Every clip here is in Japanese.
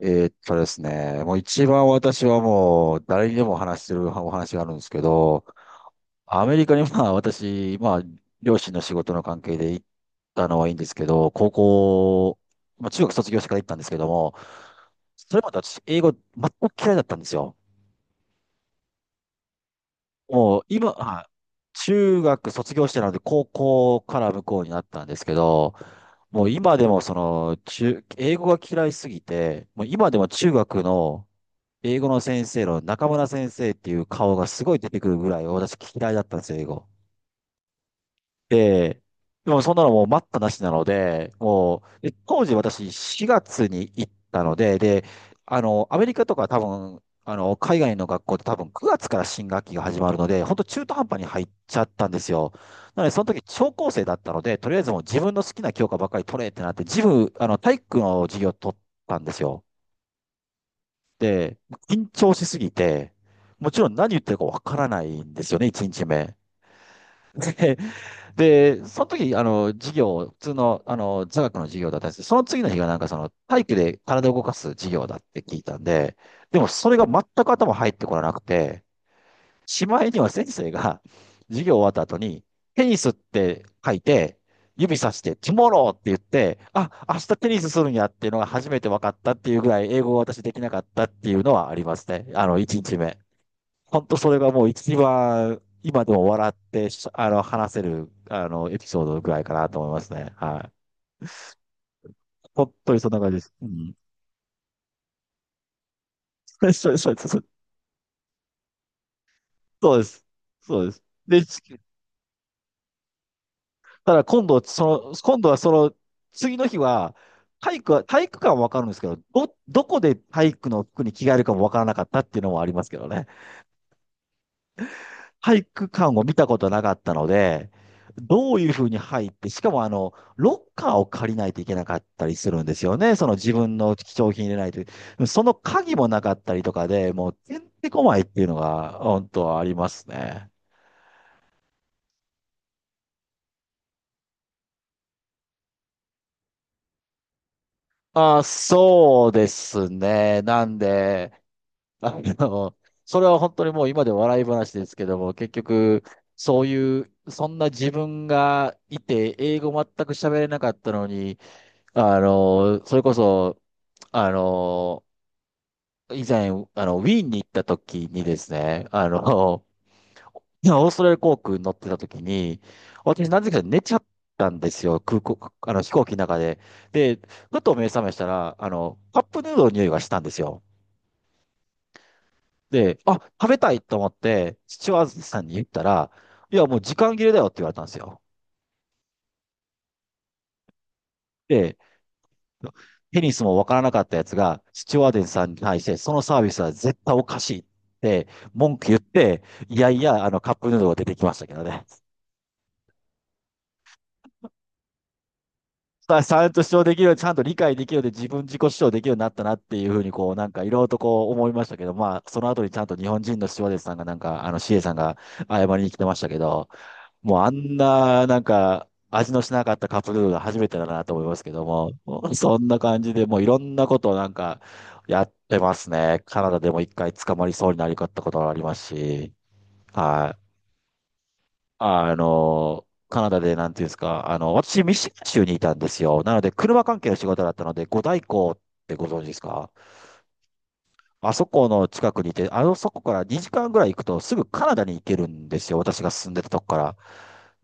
ですね、もう一番私はもう誰にでも話してるお話があるんですけど、アメリカに私、両親の仕事の関係で行ったのはいいんですけど、高校、中学卒業してから行ったんですけども、それまで私英語全く嫌いだったんですよ。もう今、はい中学卒業してなので高校から向こうになったんですけど、もう今でもその中、英語が嫌いすぎて、もう今でも中学の英語の先生の中村先生っていう顔がすごい出てくるぐらい私嫌いだったんですよ、英語。で、でもそんなのもう待ったなしなので、で当時私4月に行ったので、で、アメリカとか多分、海外の学校って多分9月から新学期が始まるので、本当中途半端に入っちゃったんですよ。なので、その時、超高生だったので、とりあえずもう自分の好きな教科ばっかり取れってなって、自分、体育の授業取ったんですよ。で、緊張しすぎて、もちろん何言ってるかわからないんですよね、1日目。で、その時、授業、普通の、座学の授業だったんですけど、その次の日がなんかその、体育で体を動かす授業だって聞いたんで、でもそれが全く頭入ってこらなくて、しまいには先生が、授業終わった後に、テニスって書いて、指さして、トゥモローって言って、あ、明日テニスするんやっていうのが初めて分かったっていうぐらい、英語を私できなかったっていうのはありますね。あの、1日目。本当それがもう一番、今でも笑ってし、あの、話せる、エピソードぐらいかなと思いますね。はい。本当にそんな感じです。うん。そうそうそうそうそうです。そうです。で、ただ今度、その、今度はその、次の日は、体育館はわかるんですけど、どこで体育の服に着替えるかもわからなかったっていうのもありますけどね。体育館を見たことなかったので、どういうふうに入って、しかもあの、ロッカーを借りないといけなかったりするんですよね。その自分の貴重品入れないと。その鍵もなかったりとかで、もうてんてこまいっていうのが、本当はありますね。あ、そうですね。なんで、あの、それは本当にもう今で笑い話ですけども、結局、そういう、そんな自分がいて、英語全く喋れなかったのに、それこそ、あの、以前、ウィーンに行った時にですね、いやオーストラリア航空に乗ってた時に、私なぜか寝ちゃったんですよ、空港、飛行機の中で。で、ふと目覚めしたら、カップヌードルの匂いがしたんですよ。で、あ、食べたいと思って、父親さんに言ったら、いや、もう時間切れだよって言われたんですよ。で、テニスもわからなかったやつが、シチュワーデンさんに対して、そのサービスは絶対おかしいって文句言って、カップヌードルが出てきましたけどね。ちゃんと主張できるように、ちゃんと理解できるようで、自分自己主張できるようになったなっていうふうに、なんかいろいろとこう思いましたけど、まあ、その後にちゃんと日本人のスチュワーデンさんが、シエさんが謝りに来てましたけど、もうあんな、なんか、味のしなかったカップヌードルが初めてだなと思いますけども、もうそんな感じでもういろんなことをなんかやってますね。カナダでも一回捕まりそうになりかったことがありますし、はい。カナダでなんていうんですか、私ミシガン州にいたんですよ。なので車関係の仕事だったので、五大湖ってご存知ですか。あそこの近くにいて、あのそこから2時間ぐらい行くとすぐカナダに行けるんですよ。私が住んでたとこから。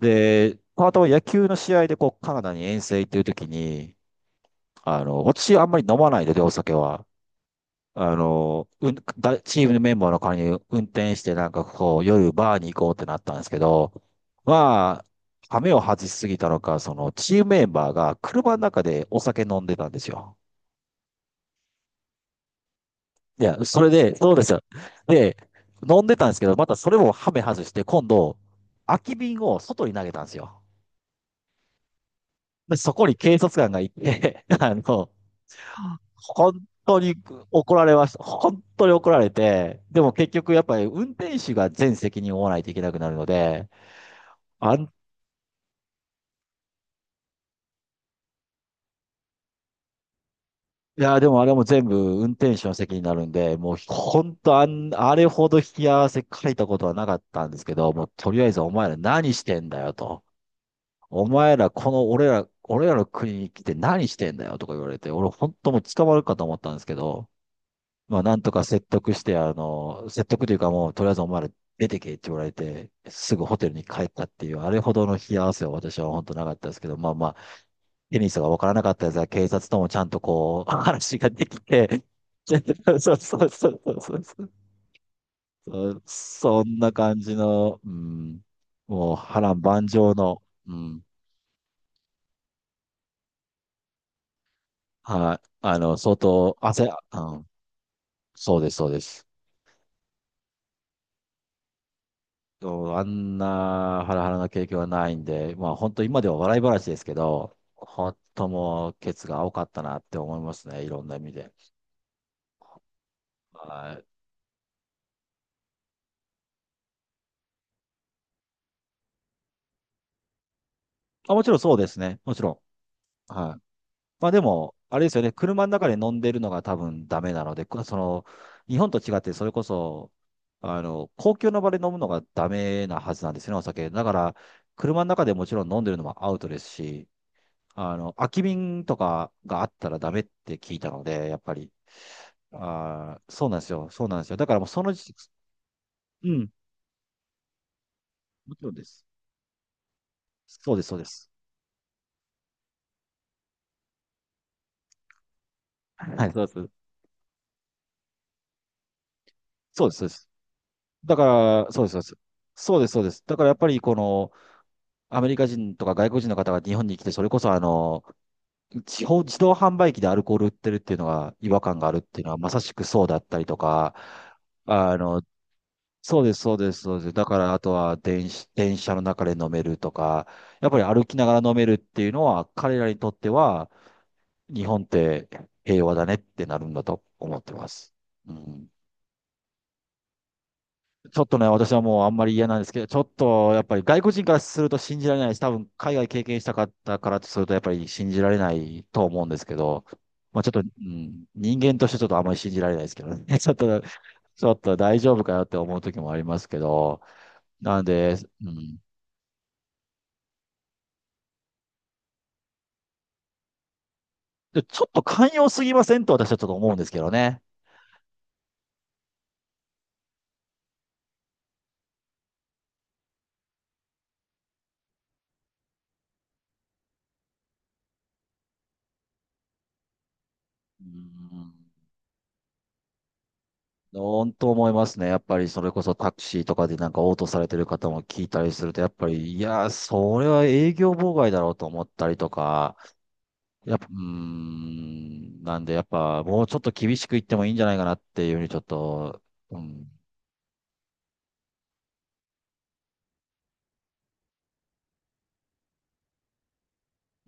で、パートは野球の試合でこうカナダに遠征行ってる時に、私あんまり飲まないので、お酒は。だチームのメンバーの代わりに運転してなんかこう夜バーに行こうってなったんですけど、まあ、羽目を外しすぎたのか、そのチームメンバーが車の中でお酒飲んでたんですよ。いや、それで、そうですよ。で、飲んでたんですけど、またそれもハメ外して、今度、空き瓶を外に投げたんですよ。で、そこに警察官が行って、本当に怒られました。本当に怒られて、でも結局やっぱり運転手が全責任を負わないといけなくなるので、あん、いや、でもあれも全部運転手の責任になるんで、もう本当あん、あれほど引き合わせ書いたことはなかったんですけど、もうとりあえずお前ら何してんだよと。お前ら、この俺ら、俺らの国に来て何してんだよとか言われて、俺本当もう捕まるかと思ったんですけど、まあなんとか説得して、説得というかもうとりあえずお前ら出てけって言われて、すぐホテルに帰ったっていう、あれほどの冷や汗は私は本当なかったですけど、まあまあ、テニスがわからなかったやつは警察ともちゃんとこう、話ができて、そうそうそうそうそうそう。そんな感じの、うん、もう波乱万丈の、うん。はい。相当、汗、うん、そうです、そうです。そうあんなハラハラな経験はないんで、まあ本当今では笑い話ですけど、本当もうケツが青かったなって思いますね。いろんな意味で。はい。あ、もちろんそうですね。もちろん。はい。まあでも、あれですよね。車の中で飲んでるのが多分ダメなので、こその、日本と違ってそれこそ、公共の場で飲むのがダメなはずなんですよね、お酒。だから、車の中でもちろん飲んでるのもアウトですし、空き瓶とかがあったらダメって聞いたので、やっぱり。あー、そうなんですよ。そうなんですよ。だからもうその時、うん、もちろんです。そうです、そうです。はい、そうです。そうです、そうです。だから、そうです、そうです。そうです、そうです。だからやっぱりこの、アメリカ人とか外国人の方が日本に来て、それこそ地方自動販売機でアルコール売ってるっていうのが違和感があるっていうのは、まさしくそうだったりとか、あの、そうです、そうです、そうです。だから、あとは電車の中で飲めるとか、やっぱり歩きながら飲めるっていうのは、彼らにとっては、日本って平和だねってなるんだと思ってます。うん、ちょっとね、私はもうあんまり嫌なんですけど、ちょっとやっぱり外国人からすると信じられないし、多分海外経験したかったからとすると、やっぱり信じられないと思うんですけど、まあちょっと、うん、人間としてちょっとあんまり信じられないですけどね。ちょっと、ちょっと大丈夫かよって思う時もありますけど、なんで、うんでちょっと寛容すぎませんと私はちょっと思うんですけどね。うん。本当思いますね。やっぱりそれこそタクシーとかでなんか応答されてる方も聞いたりすると、やっぱり、いやー、それは営業妨害だろうと思ったりとか、やっぱ、うーん、なんでやっぱもうちょっと厳しく言ってもいいんじゃないかなっていうふうにちょっと、うん、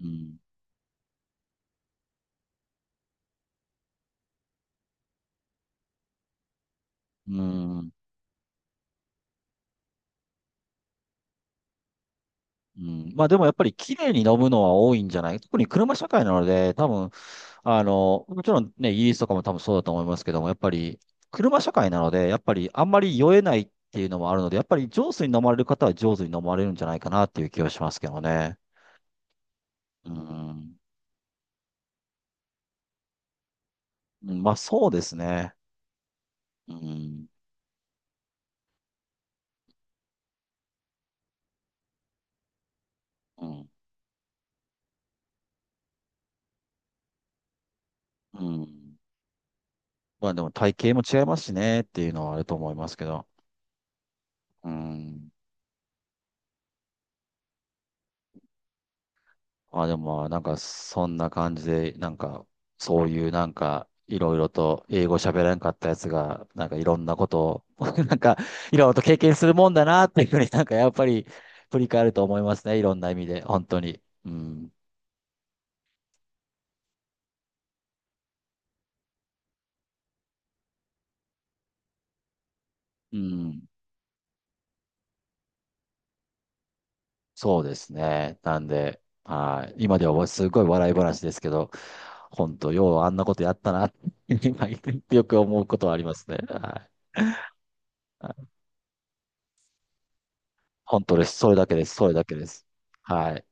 うん、うん。うん、まあでもやっぱり綺麗に飲むのは多いんじゃない特に車社会なので、多分、もちろんね、イギリスとかも多分そうだと思いますけども、やっぱり車社会なので、やっぱりあんまり酔えないっていうのもあるので、やっぱり上手に飲まれる方は上手に飲まれるんじゃないかなっていう気はしますけどね。うん。うんまあそうですね。うん。うん。うん。まあでも体型も違いますしねっていうのはあると思いますけど。うん。あ、でもまあ、なんか、そんな感じで、なんか、そういうなんか、いろいろと英語喋らなかったやつが、なんかいろんなことを、なんか、いろいろと経験するもんだなっていうふうになんか、やっぱり、振り返ると思いますね。いろんな意味で、本当に。うん。うん。そうですね。なんで、はい。今ではすごい笑い話ですけど、本当、ようあんなことやったなって、今よく思うことはありますね。はい。はい本当です。それだけです。それだけです。はい。